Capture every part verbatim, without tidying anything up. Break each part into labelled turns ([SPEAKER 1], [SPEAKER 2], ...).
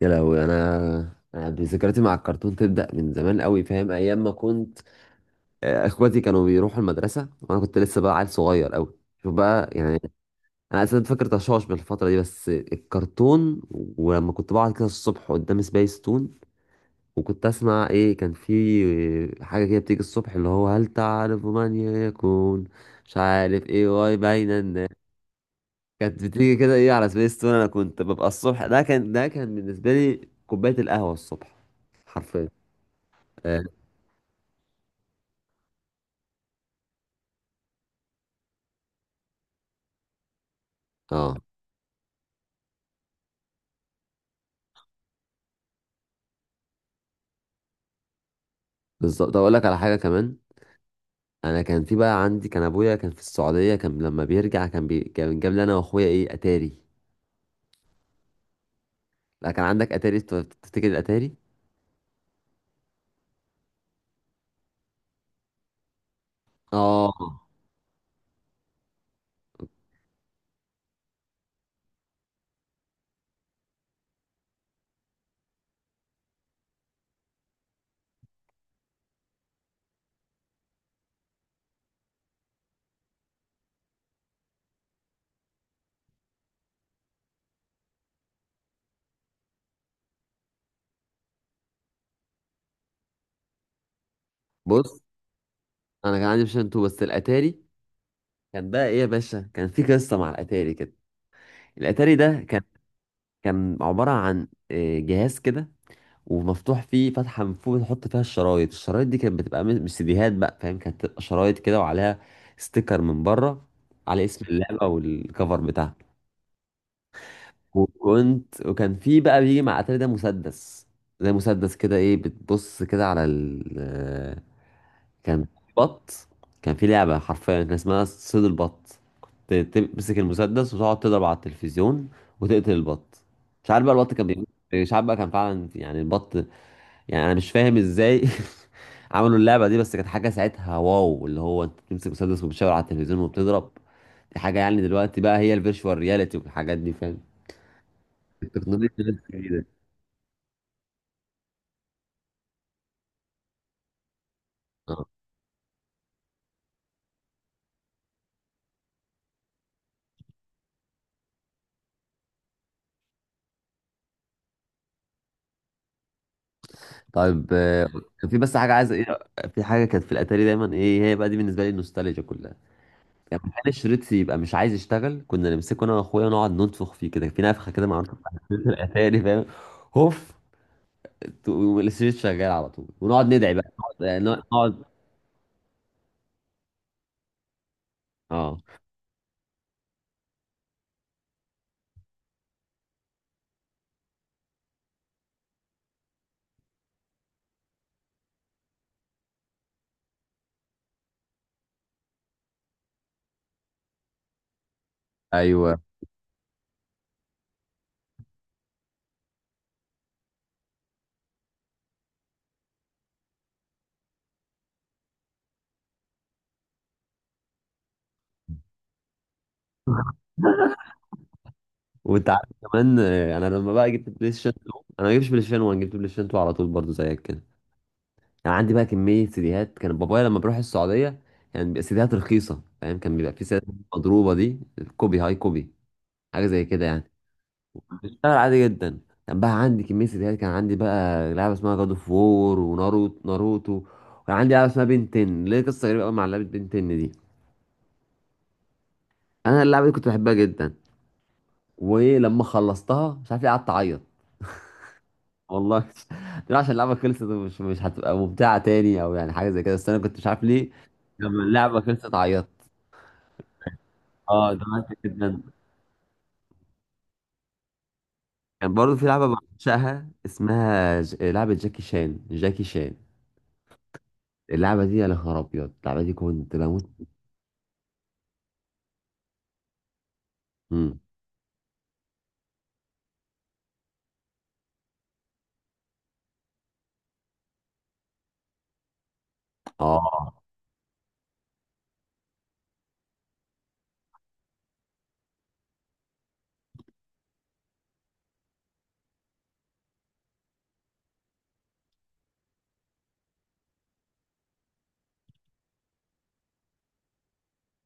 [SPEAKER 1] يا لهوي انا أنا ذكرياتي مع الكرتون تبدا من زمان قوي، فاهم؟ ايام ما كنت آه، اخواتي كانوا بيروحوا المدرسه وانا كنت لسه بقى عيل صغير قوي. شوف بقى يعني، انا اساسا فاكر تشاش بالفتره دي بس الكرتون. ولما كنت بقعد كده الصبح قدام سبيس تون، وكنت اسمع ايه، كان في حاجه كده بتيجي الصبح اللي هو هل تعرف من يكون، مش عارف ايه واي باين. كانت بتيجي كده ايه على سبيس تون، انا كنت ببقى الصبح، ده كان ده كان بالنسبه لي كوبايه القهوه الصبح، حرفيا. اه آه، بالظبط اقول لك على حاجه كمان. انا كان في بقى عندي كان ابويا كان في السعوديه، كان لما بيرجع كان بي... كان جاب لي انا واخويا ايه، اتاري. لا كان عندك اتاري؟ ت- تفتكر الاتاري؟ اه، بص انا كان عندي بلاي اتنين بس الاتاري، كان بقى ايه يا باشا، كان في قصه مع الاتاري كده. الاتاري ده كان، كان عباره عن آه، جهاز كده ومفتوح فيه فتحه من فوق، بنحط فيها الشرايط. الشرايط دي كانت بتبقى مش مش سيديهات بقى، فاهم؟ كانت بتبقى شرايط كده وعليها ستيكر من بره على اسم اللعبه والكفر بتاعها. وكنت وكان في بقى بيجي مع اتاري ده مسدس، زي مسدس كده ايه، بتبص كده على ال، كان بط، كان في لعبة حرفيا كان اسمها صيد البط. كنت تمسك المسدس وتقعد تضرب على التلفزيون وتقتل البط. مش عارف بقى البط كان بيموت، مش عارف بقى كان فعلا يعني البط، يعني انا مش فاهم ازاي عملوا اللعبه دي. بس كانت حاجه ساعتها واو، اللي هو انت بتمسك مسدس وبتشاور على التلفزيون وبتضرب. دي حاجه يعني دلوقتي بقى هي الفيرتشوال رياليتي والحاجات دي، فاهم؟ التكنولوجيا الجديده. اه طيب آه، كان في بس حاجه، عايز ايه، في حاجه كانت في الاتاري دايما، ايه هي بقى دي بالنسبه لي النوستالجيا كلها. يعني كان الشريط يبقى مش عايز يشتغل، كنا نمسكه انا واخويا نقعد ننفخ فيه كده، في نفخه كده معروفه بتاعت شريط الاتاري، فاهم؟ هوف، الشريط شغال على طول، ونقعد ندعي بقى، نقعد نقعد. اه ايوه. وانت عارف كمان، آه، انا لما بقى جبت بلاي ستيشن اتنين، انا ما جبتش بلاي ستيشن واحد، جبت بلاي ستيشن اتنين على طول برضه زيك كده. يعني عندي بقى كميه سيديهات، كان بابايا لما بروح السعوديه يعني بيبقى سيديهات رخيصه، فاهم؟ كان بيبقى في سيديهات مضروبه دي، كوبي هاي كوبي، حاجه زي كده يعني، بشتغل عادي جدا. كان بقى عندي كميه سيديهات، كان عندي بقى لعبه اسمها جاد اوف وور، وناروتو ناروتو، وكان عندي لعبه اسمها بنتن، ليه قصه غريبه قوي مع لعبه بنتن دي. انا اللعبه دي كنت بحبها جدا، ولما خلصتها مش عارف ليه قعدت اعيط. والله لا، عشان اللعبه خلصت ومش مش هتبقى ممتعه تاني او يعني حاجه زي كده، بس انا كنت مش عارف ليه لما اللعبه خلصت عيطت. اه دمعت جدا. كان برضه في لعبه بعشقها اسمها ج... لعبه جاكي شان جاكي شان. اللعبه دي يا نهار ابيض، اللعبه دي كنت بموت. امم اه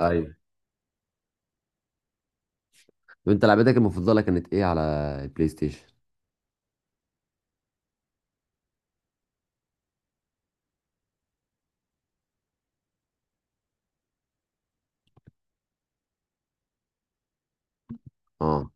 [SPEAKER 1] ايوه. وانت لعبتك المفضله كانت ايه على البلاي ستيشن؟ اه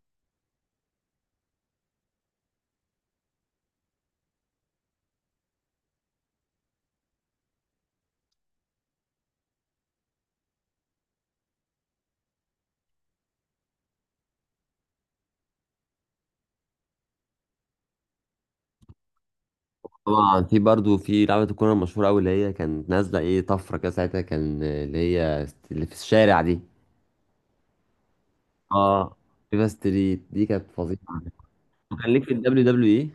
[SPEAKER 1] طبعا، في برضه في لعبه الكوره المشهوره قوي اللي هي كانت نازله ايه طفره كده ساعتها، كان اللي هي اللي في الشارع دي. اه فيفا ستريت دي كانت فظيعه. كان ليك في الدبليو دبليو اي؟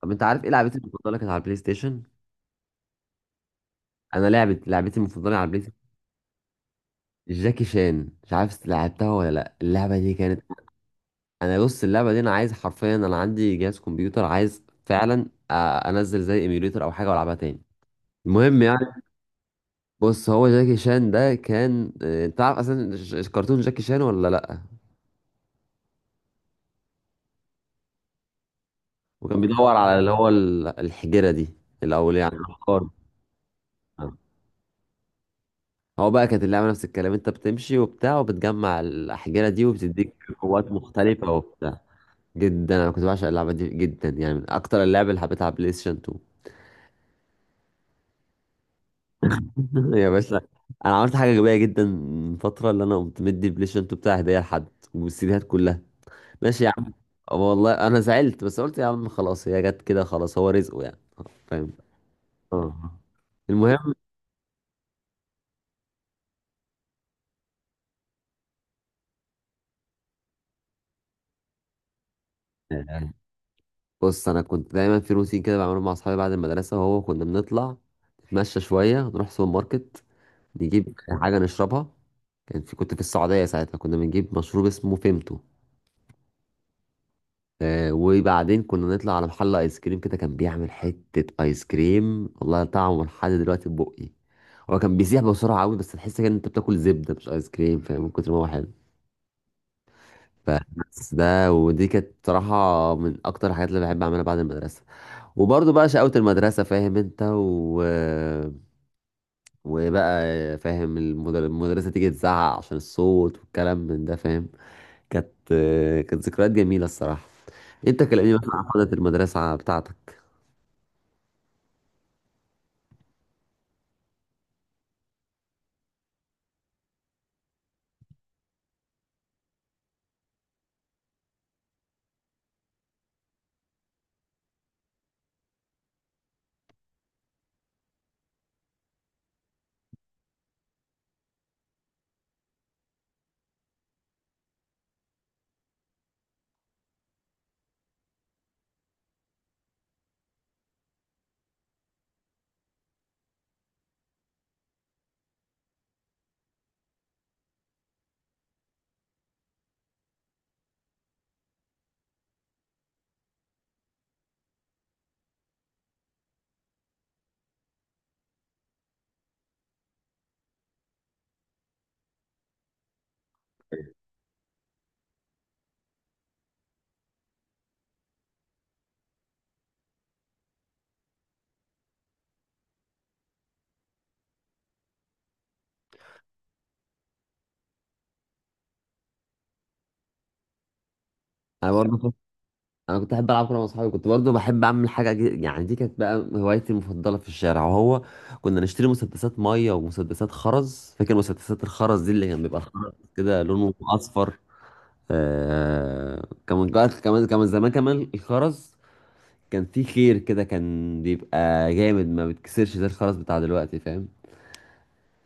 [SPEAKER 1] طب انت عارف ايه لعبتي المفضله كانت على البلاي ستيشن؟ انا لعبت لعبتي المفضله على البلاي ستيشن جاكي شان، مش عارف لعبتها ولا لا. اللعبه دي كانت، انا بص اللعبه دي انا عايز حرفيا، انا عندي جهاز كمبيوتر عاز فعلا آه، انزل زي ايميوليتر او حاجه والعبها تاني. المهم يعني. بص هو جاكي شان ده كان آه، انت عارف اصلا ج- ج- كرتون جاكي شان ولا لا؟ وكان بيدور على اللي هو ال- الحجره دي الاول، يعني الافكار. هو بقى كانت اللعبة نفس الكلام، انت بتمشي وبتاع وبتجمع الأحجارة دي، وبتديك قوات مختلفة وبتاع. جدا انا كنت بعشق اللعبة دي جدا يعني، من اكتر اللعب اللي حبيتها على بلاي ستيشن اتنين. يا باشا، انا عملت حاجة غبية جدا من فترة، اللي انا قمت مدي البلاي ستيشن اتنين بتاعي هدية لحد، والسيديهات كلها، ماشي يا عم. والله انا زعلت، بس قلت يا عم خلاص هي جت كده، خلاص هو رزقه يعني، فاهم؟ اه المهم، بص انا كنت دايما في روتين كده بعمله مع اصحابي بعد المدرسه، وهو كنا بنطلع نتمشى شويه، نروح سوبر ماركت، نجيب حاجه نشربها. كان في، كنت في السعوديه ساعتها، كنا بنجيب مشروب اسمه فيمتو. آه وبعدين كنا نطلع على محل ايس كريم كده كان بيعمل حته ايس كريم والله طعمه لحد دلوقتي في بقي. هو كان بيسيح بسرعه قوي، بس تحس كده ان انت بتاكل زبده مش ايس كريم، فاهم؟ من كتر ما هو حلو. فبس ده، ودي كانت بصراحه من اكتر الحاجات اللي بحب اعملها بعد المدرسه. وبرضه بقى شقاوة المدرسة، فاهم؟ انت و... وبقى فاهم، المدر- المدرسة تيجي تزعق عشان الصوت والكلام من ده، فاهم؟ كانت كانت ذكريات جميلة الصراحة. انت كلمني بقى عن حضرة المدرسة بتاعتك. انا برضه كنت، انا كنت احب العب كوره مع اصحابي، كنت برضه بحب اعمل حاجه جي- يعني دي كانت بقى هوايتي المفضله في الشارع، وهو كنا نشتري مسدسات ميه ومسدسات خرز. فاكر مسدسات الخرز دي اللي كان بيبقى الخرز كده لونه اصفر؟ آه كمان جات- كمان كمان زمان كمان الخرز كان فيه خير كده، كان بيبقى جامد ما بتكسرش زي الخرز بتاع دلوقتي، فاهم؟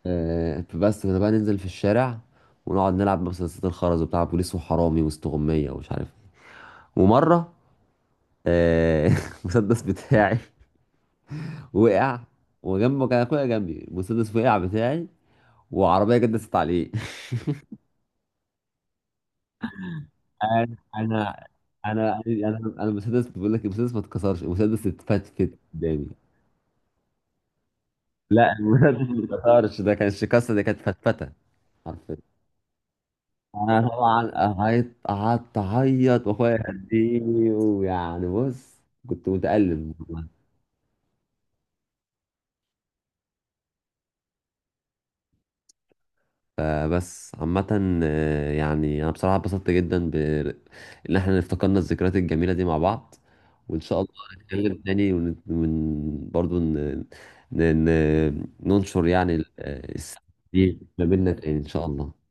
[SPEAKER 1] آه فبس كنا بقى ننزل في الشارع ونقعد نلعب مسدسات الخرز وبتاع، بوليس وحرامي واستغمية ومش عارف. ومرة آه المسدس بتاعي وقع، وجنبه كان اخويا جنبي، المسدس وقع بتاعي، وعربية جدست عليه. انا انا انا انا أنا المسدس بقول لك، المسدس ما اتكسرش، المسدس اتفتفت قدامي. لا المنافس ما اتكسرش، ده كانش كسر، ده كانت فتفته حرفيا. انا طبعا قعدت قعدت اعيط واخويا يهديني، ويعني بص كنت متألم والله. فبس عامة آه، يعني انا بصراحة اتبسطت جدا ب، ان احنا افتكرنا الذكريات الجميلة دي مع بعض. وان شاء الله نتكلم تاني ون... ون... برضو ن... ن... ن- ننشر يعني ال- السعادة دي ما بيننا تاني ان شاء الله.